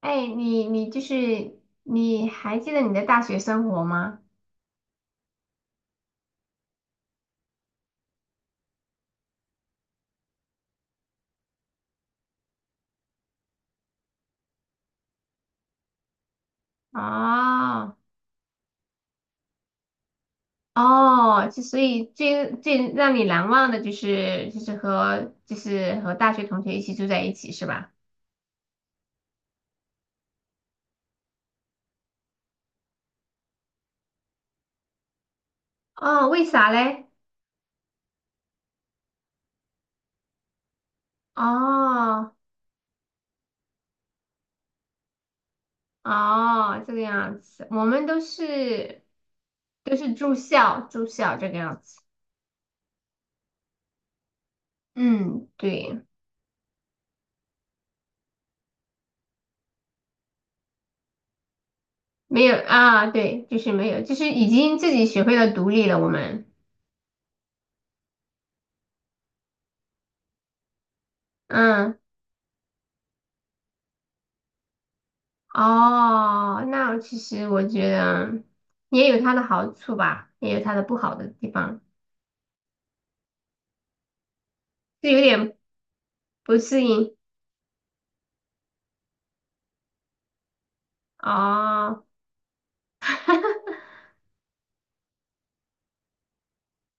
哎，你你就是你还记得你的大学生活吗？哦哦，就所以最让你难忘的就是就是和就是和大学同学一起住在一起是吧？哦，为啥嘞？哦哦，这个样子，我们都是住校这个样子。嗯，对，没有啊，对，就是没有，就是已经自己学会了独立了，我们。嗯。哦，那其实我觉得也有它的好处吧，也有它的不好的地方，就有点不适应。哦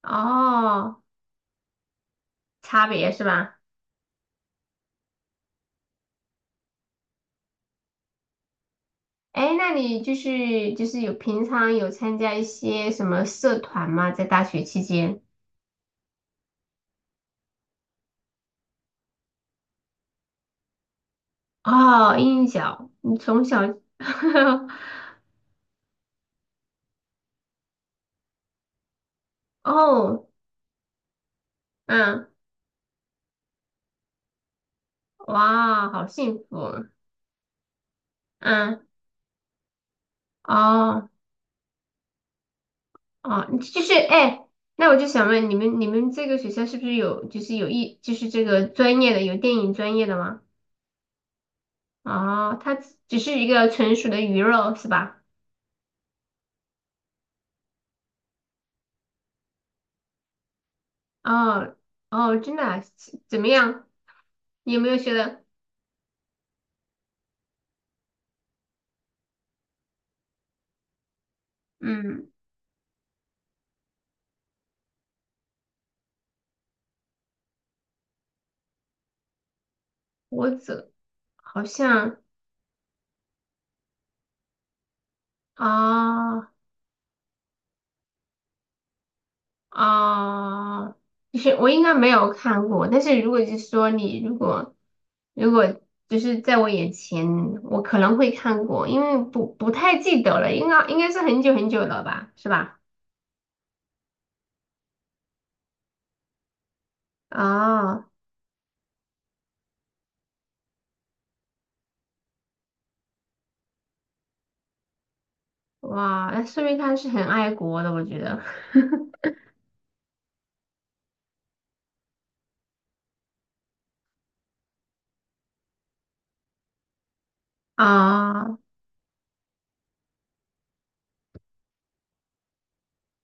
哦，差别是吧？哎，那你就是平常有参加一些什么社团吗？在大学期间？哦，音小，你从小，哦，嗯，哇，好幸福啊，嗯，哦。哦，就是哎，那我就想问你们，你们这个学校是不是有就是有一就是这个专业的有电影专业的吗？哦，它只是一个纯属的鱼肉是吧？哦哦，真的啊怎么样？你有没有觉得嗯，我怎好像啊？哦啊，就是我应该没有看过，但是如果就是说你如果就是在我眼前，我可能会看过，因为不太记得了，应该是很久很久了吧，是吧？啊，哇，那说明他是很爱国的，我觉得。啊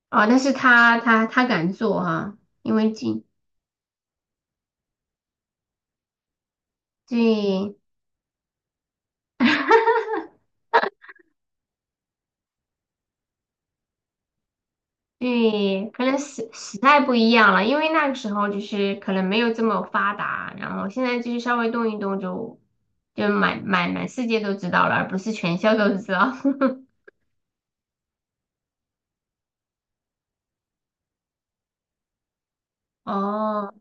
啊，但是他敢做哈、因为近对对，可能时代不一样了，因为那个时候就是可能没有这么发达，然后现在就是稍微动一动就满世界都知道了，而不是全校都知道。哦，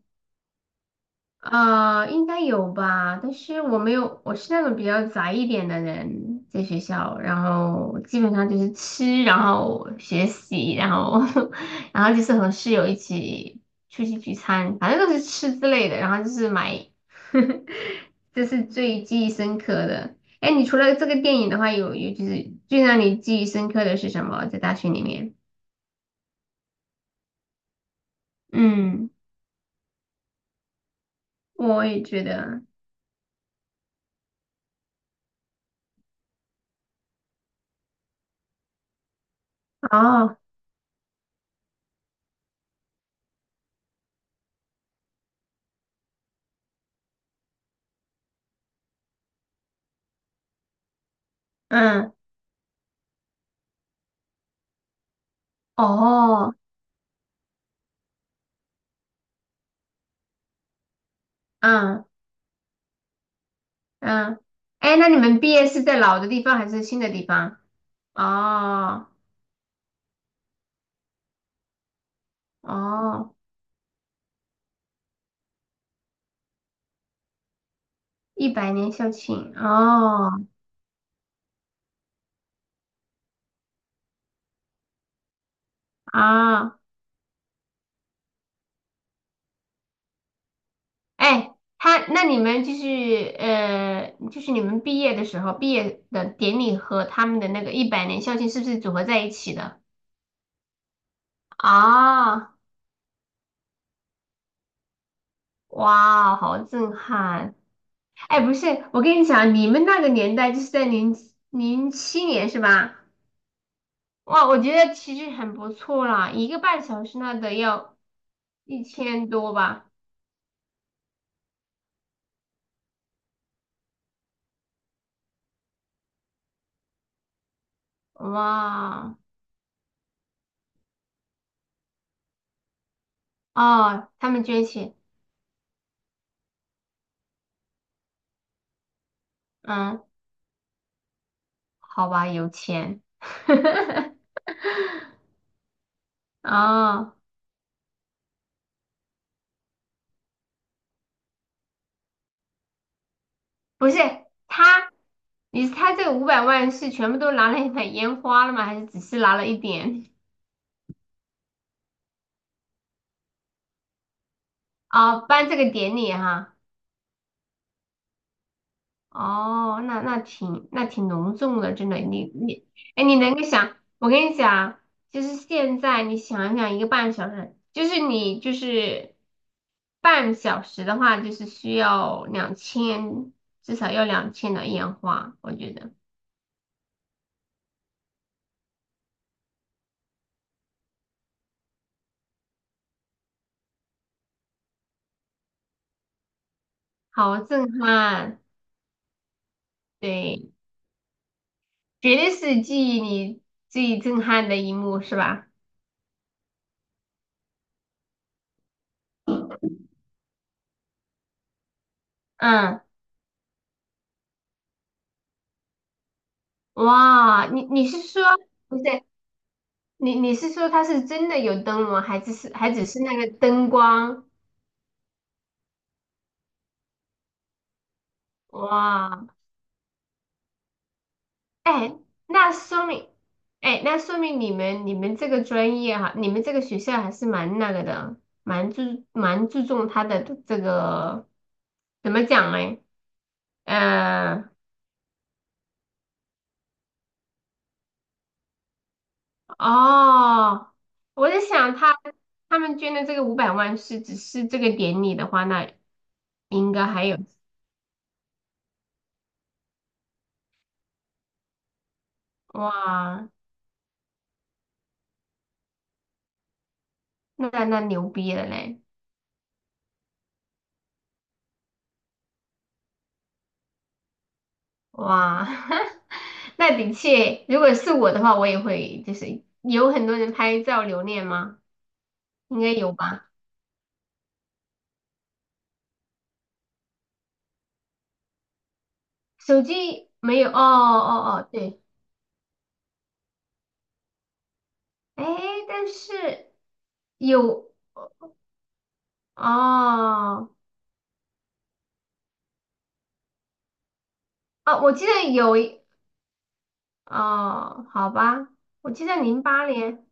应该有吧，但是我没有，我是那种比较宅一点的人，在学校，然后基本上就是吃，然后学习，然后 然后就是和室友一起出去聚餐，反正都是吃之类的，然后就是买，这是最记忆深刻的。哎，你除了这个电影的话，就是最让你记忆深刻的是什么？在大学里面？嗯，我也觉得，哦，嗯，哦，嗯。嗯，哎，那你们毕业是在老的地方还是新的地方？哦哦，一百年校庆哦啊，哎，那你们就是就是你们毕业的时候，毕业的典礼和他们的那个一百年校庆是不是组合在一起的？啊，哇哦，好震撼！哎，不是，我跟你讲，你们那个年代就是在2007年是吧？哇，我觉得其实很不错啦，一个半小时那得要1000多吧？哇，哦，他们捐钱，嗯，好吧，有钱，哦，不是他，他这个五百万是全部都拿来买烟花了吗？还是只是拿了一点？哦，办这个典礼哈、哦，那挺隆重的，真的。你，哎，你能够想，我跟你讲，就是现在你想一想，一个半小时，就是你半小时的话，就是需要两千，至少要两千的烟花，我觉得好震撼，对，绝对是记忆里最震撼的一幕，是吧？嗯，哇，你是说不是？你是说他是真的有灯笼，还只是那个灯光？哇，哎，那说明，哎，那说明你们这个专业哈，你们这个学校还是蛮那个的，蛮注重他的这个怎么讲嘞？呃，哦，我在想他们捐的这个五百万是只是这个典礼的话，那应该还有哇，那牛逼了嘞！哇，那的确，如果是我的话，我也会，就是有很多人拍照留念吗？应该有吧。手机没有，哦哦哦，对，哎，但是有，哦哦，我记得有一哦，好吧，我记得08年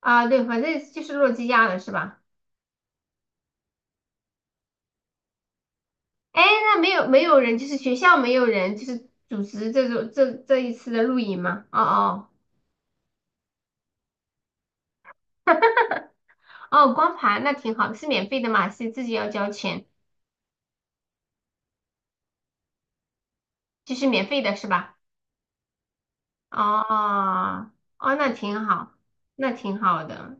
啊，对，反正就是诺基亚的是吧？哎，那没有人，就是学校没有人，就是组织这种这一次的录营吗？哦哦。哦，光盘那挺好的，是免费的嘛？是自己要交钱，就是免费的是吧？哦，哦，那挺好，那挺好的。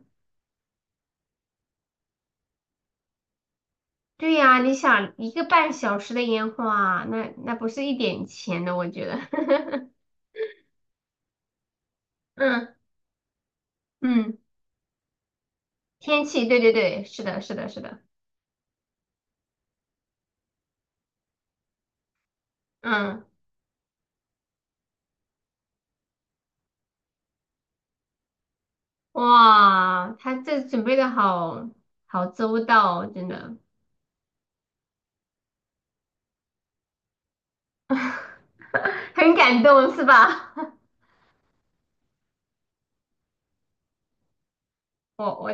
对呀，你想一个半小时的烟花，那不是一点钱的，我觉得。嗯嗯，天气，对对对，是的，是的，是的。嗯，哇，他这准备的好好周到哦，真的，很感动是吧？我。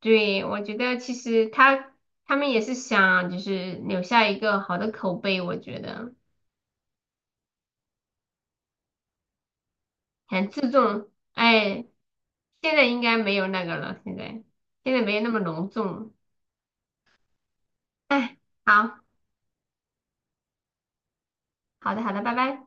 对，我觉得其实他们也是想就是留下一个好的口碑，我觉得很注重。哎，现在应该没有那个了，现在没有那么隆重。哎，好好的好的，拜拜。